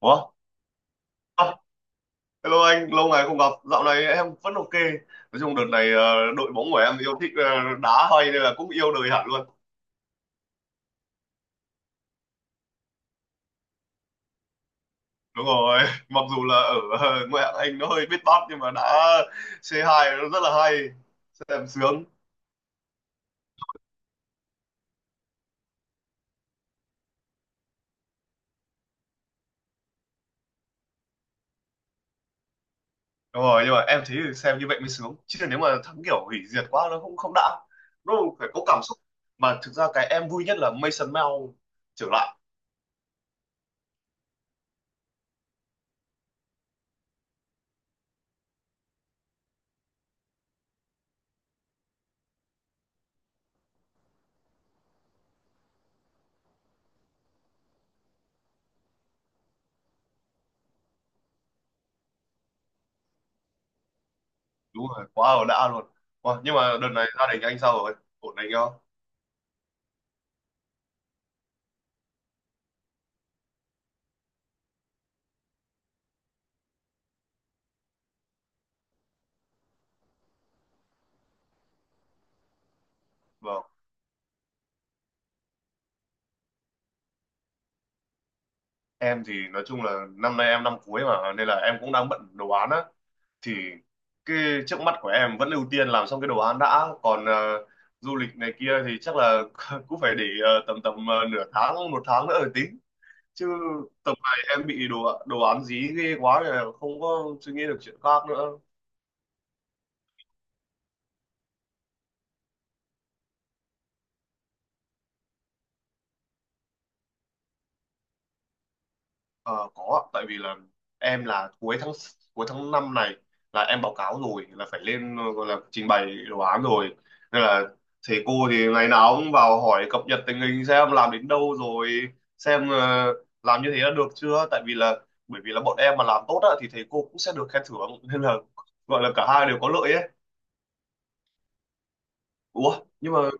Ủa? À, hello anh, lâu ngày không gặp. Dạo này em vẫn ok. Nói chung đợt này đội bóng của em yêu thích đá hay nên là cũng yêu đời hẳn luôn. Đúng rồi, mặc dù là ở ngoại hạng Anh nó hơi biết bát nhưng mà đá C2 nó rất là hay. Xem sướng. Đúng rồi, nhưng mà em thấy xem như vậy mới sướng. Chứ nếu mà thắng kiểu hủy diệt quá nó không không đã. Nó phải có cảm xúc. Mà thực ra cái em vui nhất là Mason Mount trở lại. Đúng rồi, quá là đã luôn. Ủa, nhưng mà đợt này gia đình anh sao rồi? Ổn anh không? Em thì nói chung là năm nay em năm cuối mà nên là em cũng đang bận đồ án á, thì cái trước mắt của em vẫn ưu tiên làm xong cái đồ án đã, còn du lịch này kia thì chắc là cũng phải để tầm tầm nửa tháng một tháng nữa rồi tính, chứ tầm này em bị đồ đồ án dí ghê quá rồi không có suy nghĩ được chuyện khác nữa. Ờ, có ạ. Tại vì là em là cuối tháng 5 này là em báo cáo rồi, là phải lên gọi là trình bày đồ án rồi, nên là thầy cô thì ngày nào cũng vào hỏi cập nhật tình hình xem làm đến đâu rồi, xem làm như thế đã được chưa. Tại vì là, bởi vì là bọn em mà làm tốt á, thì thầy cô cũng sẽ được khen thưởng nên là gọi là cả hai đều có lợi ấy. Ủa, nhưng mà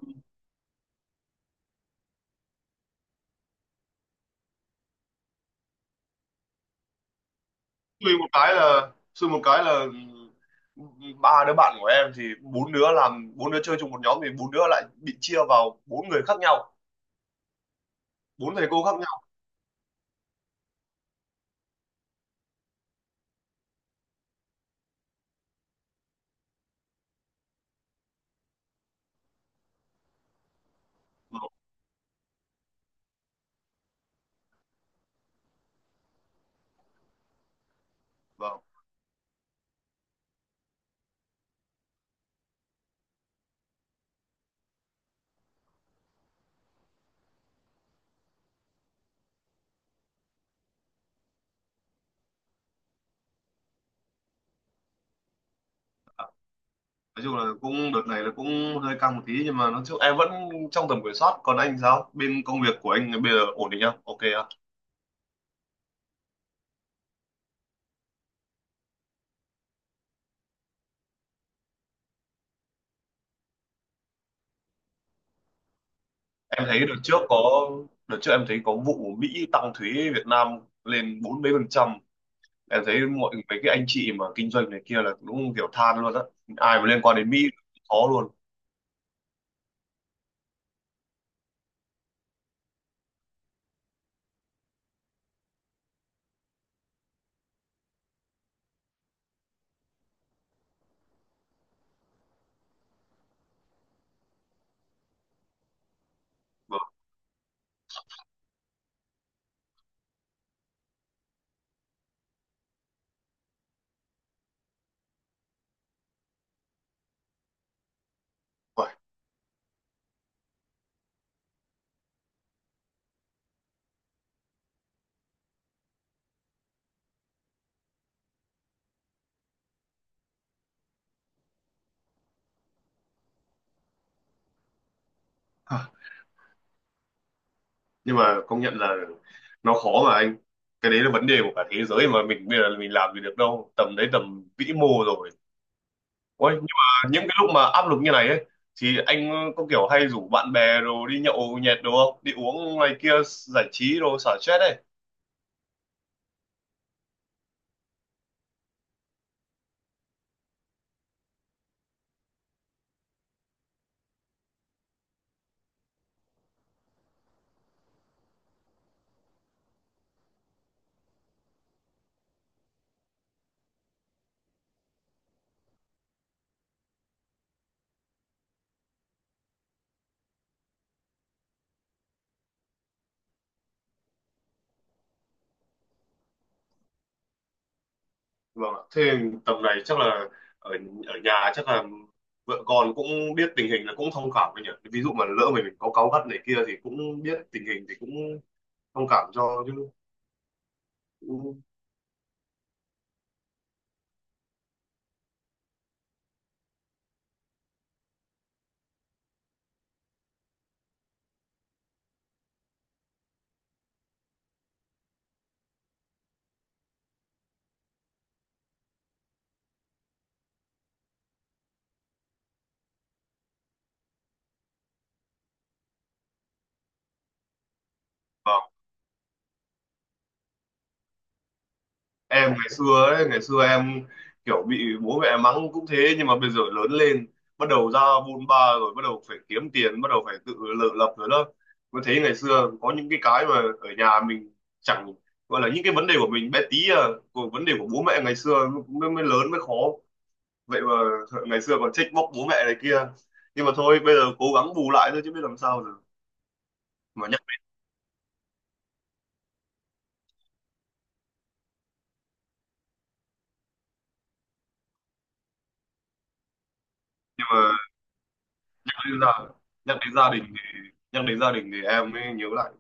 suy một cái là ba đứa bạn của em thì bốn đứa làm, bốn đứa chơi chung một nhóm, thì bốn đứa lại bị chia vào bốn người khác nhau, bốn thầy cô khác nhau. Vâng, vâng. Nói chung là cũng đợt này là cũng hơi căng một tí, nhưng mà nói chung em vẫn trong tầm kiểm soát. Còn anh sao, bên công việc của anh bây giờ ổn định không, ok không? Em thấy đợt trước có Đợt trước em thấy có vụ Mỹ tăng thuế Việt Nam lên bốn mấy phần trăm, em thấy mọi mấy cái anh chị mà kinh doanh này kia là đúng kiểu than luôn á, ai mà liên quan đến Mỹ khó luôn. Uầy, hả? Nhưng mà công nhận là nó khó mà anh, cái đấy là vấn đề của cả thế giới mà, mình bây giờ là mình làm gì được đâu, tầm đấy tầm vĩ mô rồi. Ôi, nhưng mà những cái lúc mà áp lực như này ấy thì anh có kiểu hay rủ bạn bè rồi đi nhậu nhẹt đồ không, đi uống này kia giải trí rồi xả stress ấy? Vâng ạ, thế tầm này chắc là ở ở nhà chắc là vợ con cũng biết tình hình là cũng thông cảm với nhỉ, ví dụ mà lỡ mình có cáu gắt này kia thì cũng biết tình hình thì cũng thông cảm cho chứ. Em ngày xưa ấy, ngày xưa em kiểu bị bố mẹ mắng cũng thế, nhưng mà bây giờ lớn lên bắt đầu ra bôn ba rồi bắt đầu phải kiếm tiền, bắt đầu phải tự tự lập rồi đó, mới thấy ngày xưa có những cái mà ở nhà mình chẳng gọi là, những cái vấn đề của mình bé tí à, của vấn đề của bố mẹ ngày xưa mới lớn mới khó. Vậy mà ngày xưa còn trách móc bố mẹ này kia, nhưng mà thôi bây giờ cố gắng bù lại thôi chứ biết làm sao giờ. Mà nhắc nhưng mà nhắc đến gia Nhắc đến gia đình thì nhắc đến gia đình thì em mới nhớ lại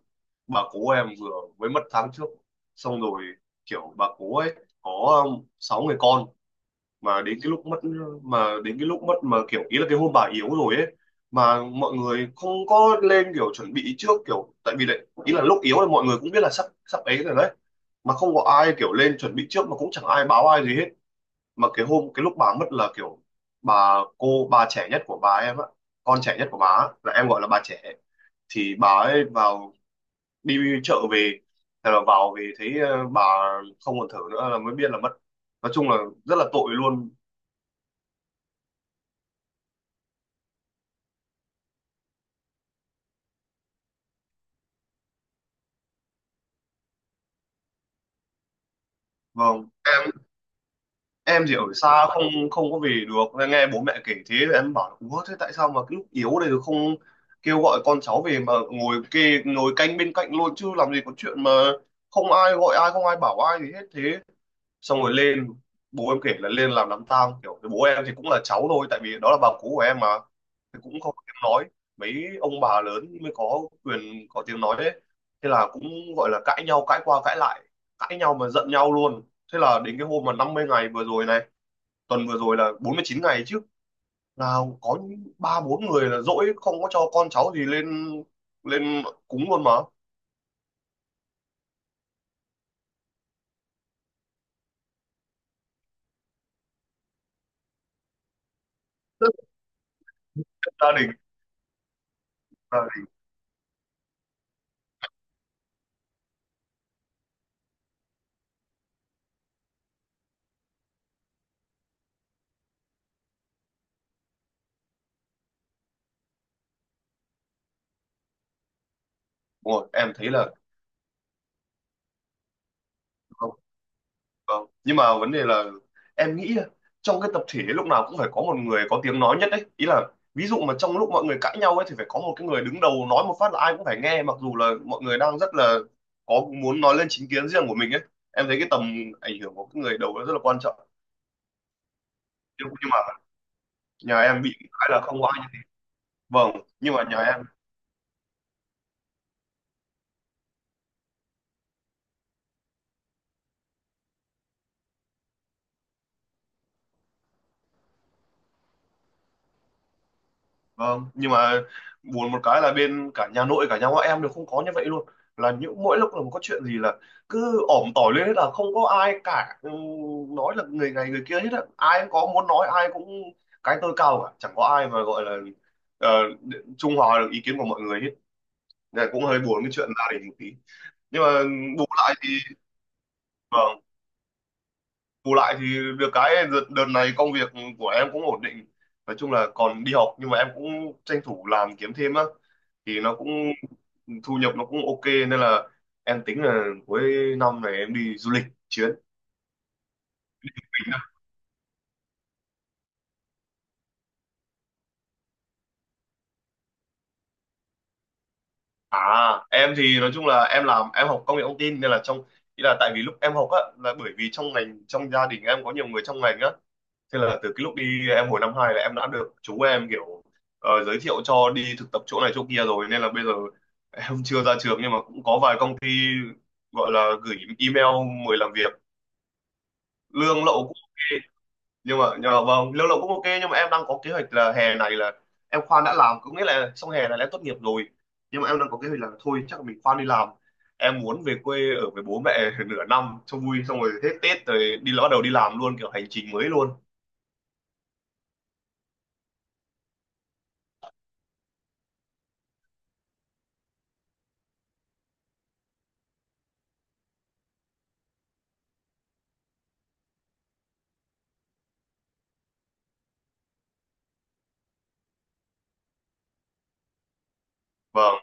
bà cố em vừa mới mất tháng trước xong rồi, kiểu bà cố ấy có sáu người con. Mà đến cái lúc mất, mà kiểu ý là cái hôm bà yếu rồi ấy, mà mọi người không có lên kiểu chuẩn bị trước, kiểu tại vì đấy ý là lúc yếu là mọi người cũng biết là sắp sắp ấy rồi đấy, mà không có ai kiểu lên chuẩn bị trước, mà cũng chẳng ai báo ai gì hết. Mà cái hôm cái lúc bà mất là kiểu bà cô, bà trẻ nhất của bà em á, con trẻ nhất của bà á, là em gọi là bà trẻ, thì bà ấy vào, đi chợ về, thế là vào về thấy bà không còn thở nữa là mới biết là mất. Nói chung là rất là tội luôn. Vâng, em thì ở xa không không có về được, nên nghe bố mẹ kể thế em bảo là "Ủa, thế tại sao mà cái lúc yếu này rồi không kêu gọi con cháu về mà ngồi kê, ngồi canh bên cạnh luôn, chứ làm gì có chuyện mà không ai gọi ai, không ai bảo ai gì hết thế?" Xong rồi lên, bố em kể là lên làm đám tang, kiểu bố em thì cũng là cháu thôi, tại vì đó là bà cú của em mà, thì cũng không có tiếng nói. Mấy ông bà lớn mới có quyền có tiếng nói đấy. Thế là cũng gọi là cãi nhau, cãi qua cãi lại, cãi nhau mà giận nhau luôn. Thế là đến cái hôm mà 50 ngày vừa rồi này, tuần vừa rồi là 49 ngày chứ, là có những ba bốn người là dỗi không có cho con cháu gì lên lên cúng luôn mà. Rất là gia đình. Gia đình. Đúng rồi, em thấy là vâng. Nhưng mà vấn đề là em nghĩ trong cái tập thể lúc nào cũng phải có một người có tiếng nói nhất đấy. Ý là ví dụ mà trong lúc mọi người cãi nhau ấy thì phải có một cái người đứng đầu nói một phát là ai cũng phải nghe, mặc dù là mọi người đang rất là có muốn nói lên chính kiến riêng của mình ấy. Em thấy cái tầm ảnh hưởng của cái người đầu nó rất là quan trọng. Nhưng mà nhà em bị cái là không có ai. Vâng, nhưng mà nhà Vâng, nhưng mà buồn một cái là bên cả nhà nội cả nhà ngoại em đều không có như vậy luôn. Là những mỗi lúc là có chuyện gì là cứ ỏm tỏi lên hết là không có ai cả, ừ, nói là người này người kia hết á. Ai cũng có muốn nói, ai cũng cái tôi cao cả, chẳng có ai mà gọi là ờ, trung hòa được ý kiến của mọi người hết. Nên cũng hơi buồn cái chuyện gia đình một tí. Nhưng mà bù lại thì vâng, bù lại thì được cái đợt này công việc của em cũng ổn định. Nói chung là còn đi học nhưng mà em cũng tranh thủ làm kiếm thêm á, thì nó cũng thu nhập nó cũng ok, nên là em tính là cuối năm này em đi du lịch chuyến. À, em thì nói chung là em làm, em học công nghệ thông tin nên là trong, ý là tại vì lúc em học á là bởi vì trong ngành, trong gia đình em có nhiều người trong ngành á, thế là từ cái lúc đi em hồi năm hai là em đã được chú em kiểu giới thiệu cho đi thực tập chỗ này chỗ kia rồi, nên là bây giờ em chưa ra trường nhưng mà cũng có vài công ty gọi là gửi email mời làm việc, lương lậu cũng ok. Nhưng mà vâng, lâu lậu cũng ok nhưng mà em đang có kế hoạch là hè này là em khoan đã làm, có nghĩa là xong hè này là em tốt nghiệp rồi, nhưng mà em đang có kế hoạch là thôi chắc là mình khoan đi làm, em muốn về quê ở với bố mẹ nửa năm cho vui, xong rồi hết Tết rồi đi, bắt đầu đi làm luôn, kiểu hành trình mới luôn. Vâng,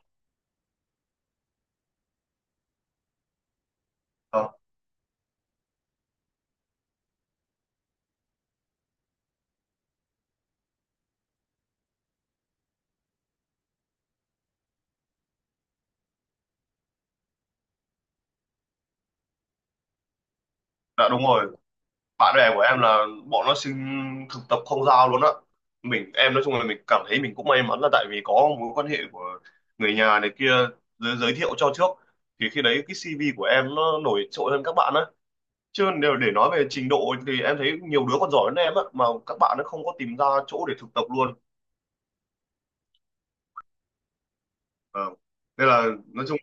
vâng. Dạ đúng rồi, bạn bè của em là bọn nó xin thực tập không giao luôn á. Mình em nói chung là mình cảm thấy mình cũng may mắn là tại vì có mối quan hệ của người nhà này kia giới thiệu cho trước, thì khi đấy cái CV của em nó nổi trội hơn các bạn á, chứ nếu để nói về trình độ thì em thấy nhiều đứa còn giỏi hơn em á mà các bạn nó không có tìm ra chỗ để thực tập luôn. À, nên là nói chung,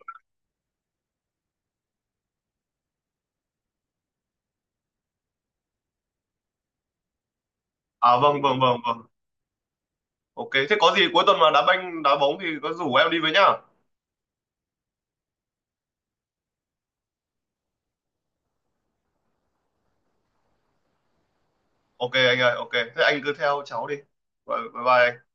à, vâng vâng vâng vâng, ok thế có gì cuối tuần mà đá banh đá bóng thì có rủ em đi với nhá. Ok anh ơi, ok thế anh cứ theo cháu đi. Bye. Bye.